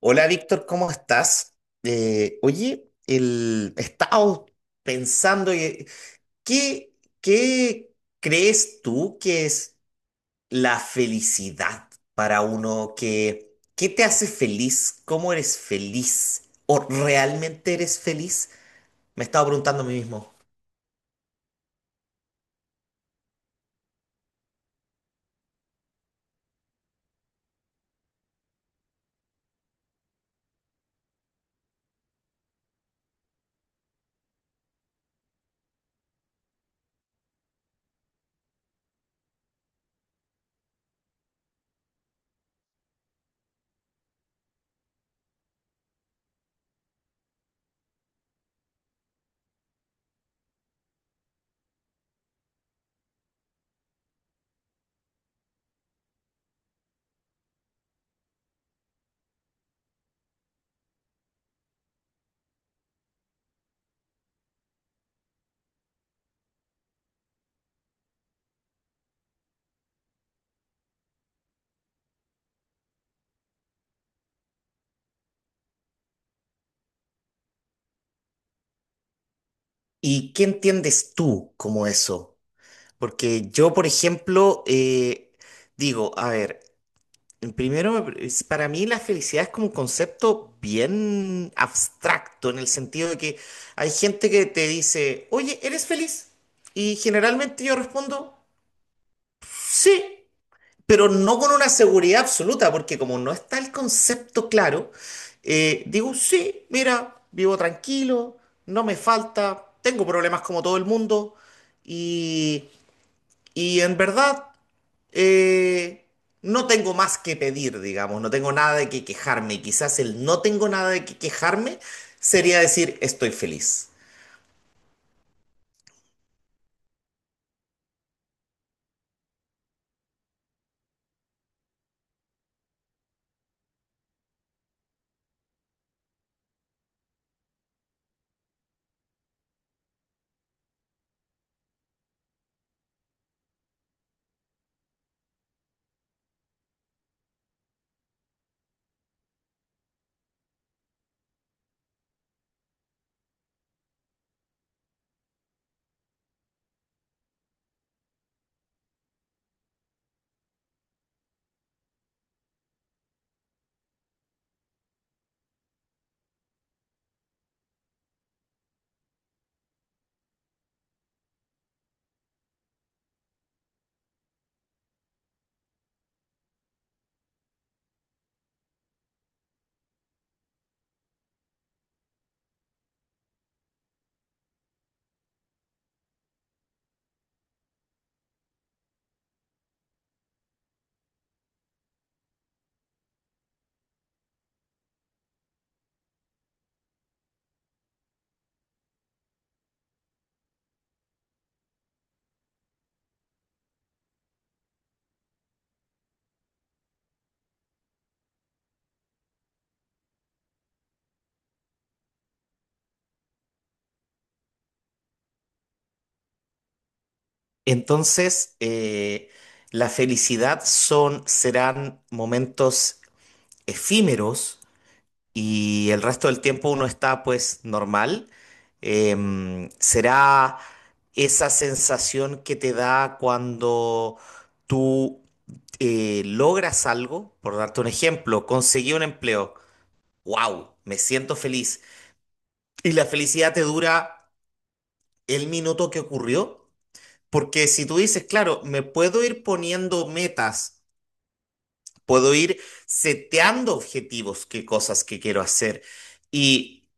Hola Víctor, ¿cómo estás? Oye, el, he estado pensando, ¿qué, qué crees tú que es la felicidad para uno? Qué te hace feliz? ¿Cómo eres feliz? ¿O realmente eres feliz? Me he estado preguntando a mí mismo. ¿Y qué entiendes tú como eso? Porque yo, por ejemplo, digo, a ver. Primero, para mí la felicidad es como un concepto bien abstracto en el sentido de que hay gente que te dice, oye, ¿eres feliz? Y generalmente yo respondo, sí, pero no con una seguridad absoluta, porque como no está el concepto claro, digo, sí, mira, vivo tranquilo, no me falta, tengo problemas como todo el mundo y, y en verdad... Eh, no tengo más que pedir, digamos, no tengo nada de que quejarme. Y quizás el no tengo nada de que quejarme sería decir estoy feliz. Entonces, la felicidad son, serán momentos efímeros, y el resto del tiempo uno está pues normal, será esa sensación que te da cuando tú logras algo, por darte un ejemplo, conseguí un empleo, wow, me siento feliz. Y la felicidad te dura el minuto que ocurrió, porque si tú dices, claro, me puedo ir poniendo metas, puedo ir seteando objetivos, qué cosas que quiero hacer. Y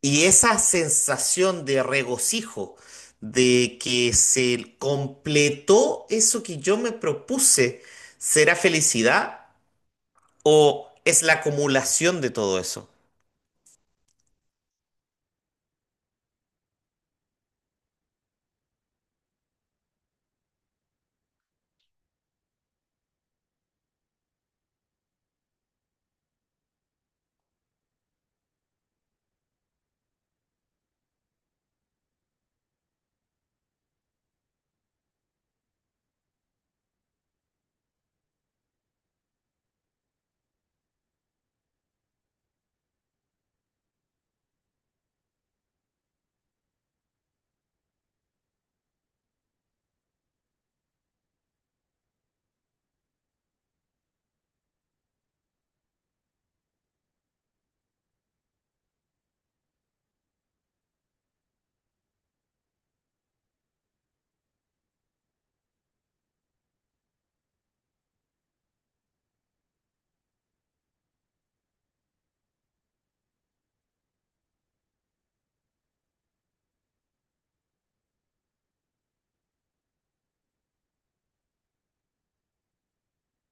Y esa sensación de regocijo, de que se completó eso que yo me propuse, ¿será felicidad o es la acumulación de todo eso?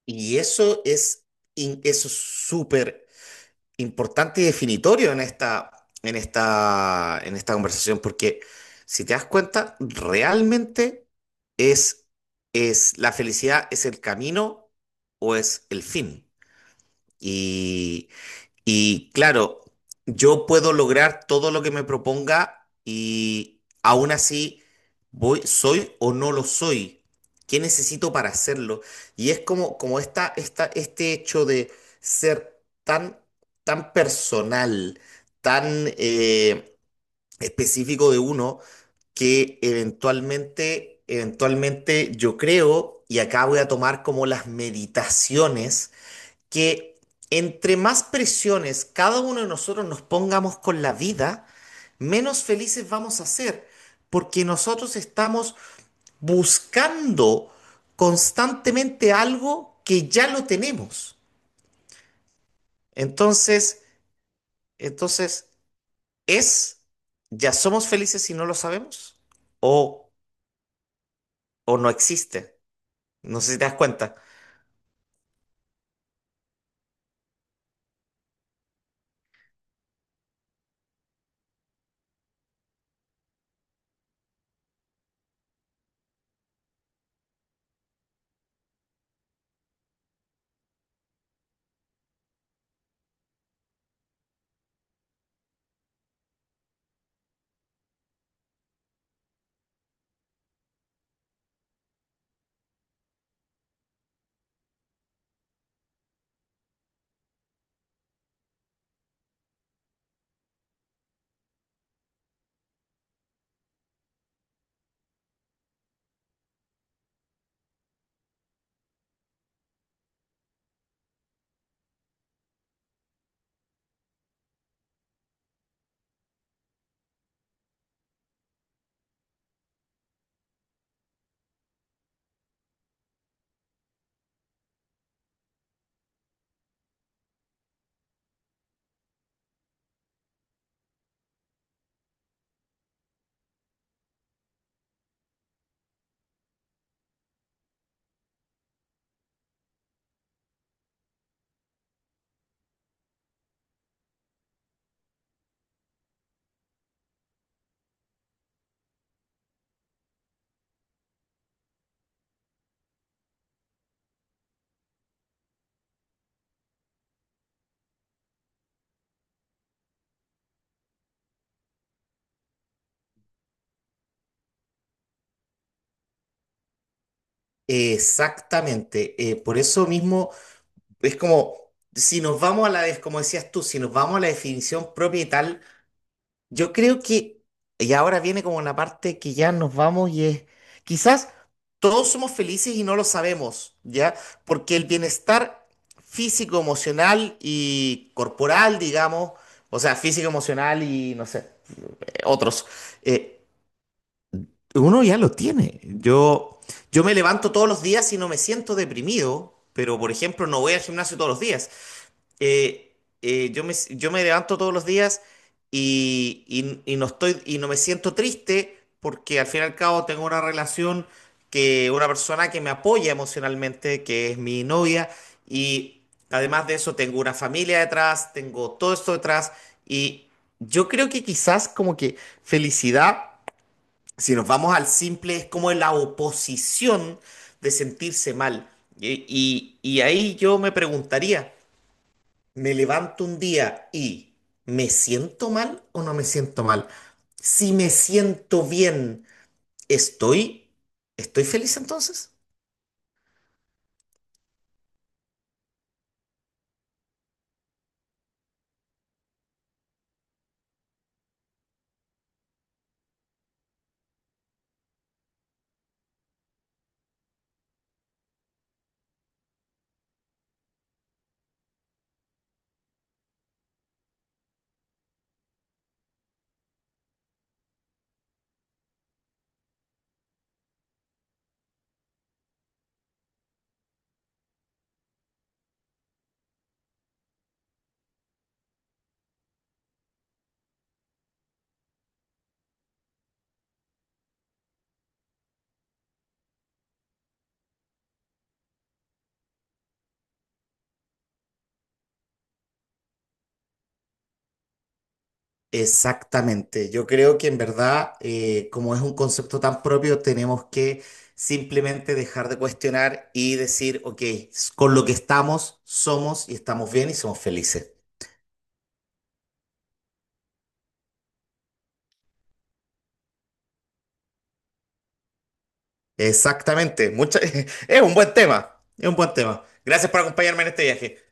Y eso es eso es súper importante y definitorio en esta, en esta, en esta conversación, porque si te das cuenta, realmente es, es la felicidad, es el camino o es el fin. Y Y claro, yo puedo lograr todo lo que me proponga y aún así voy, soy o no lo soy. ¿Qué necesito para hacerlo? Y es como, como esta, este hecho de ser tan, tan personal, tan específico de uno, que eventualmente, eventualmente yo creo, y acá voy a tomar como las meditaciones que entre más presiones cada uno de nosotros nos pongamos con la vida, menos felices vamos a ser, porque nosotros estamos buscando constantemente algo que ya lo tenemos. Entonces, entonces, es, ¿ya somos felices si no lo sabemos? ¿O, o no existe? No sé si te das cuenta. Exactamente. Por eso mismo... Es como, si nos vamos a la, como decías tú, si nos vamos a la definición propia y tal, yo creo que, y ahora viene como la parte que ya nos vamos y es, quizás todos somos felices y no lo sabemos, ¿ya? Porque el bienestar físico, emocional y corporal, digamos, o sea, físico, emocional y, no sé, otros, eh, uno ya lo tiene. Yo me levanto todos los días y no me siento deprimido, pero, por ejemplo, no voy al gimnasio todos los días eh, yo me levanto todos los días y, y no estoy, y no me siento triste porque al fin y al cabo tengo una relación que una persona que me apoya emocionalmente, que es mi novia, y además de eso tengo una familia detrás, tengo todo esto detrás, y yo creo que quizás como que felicidad, si nos vamos al simple, es como la oposición de sentirse mal. Y y ahí yo me preguntaría me levanto un día y ¿me siento mal o no me siento mal? Si me siento bien, ¿estoy, estoy feliz entonces? Exactamente. Yo creo que en verdad, como es un concepto tan propio, tenemos que simplemente dejar de cuestionar y decir, ok, con lo que estamos, somos y estamos bien y somos felices. Exactamente. Mucha- es un buen tema. Es un buen tema. Gracias por acompañarme en este viaje.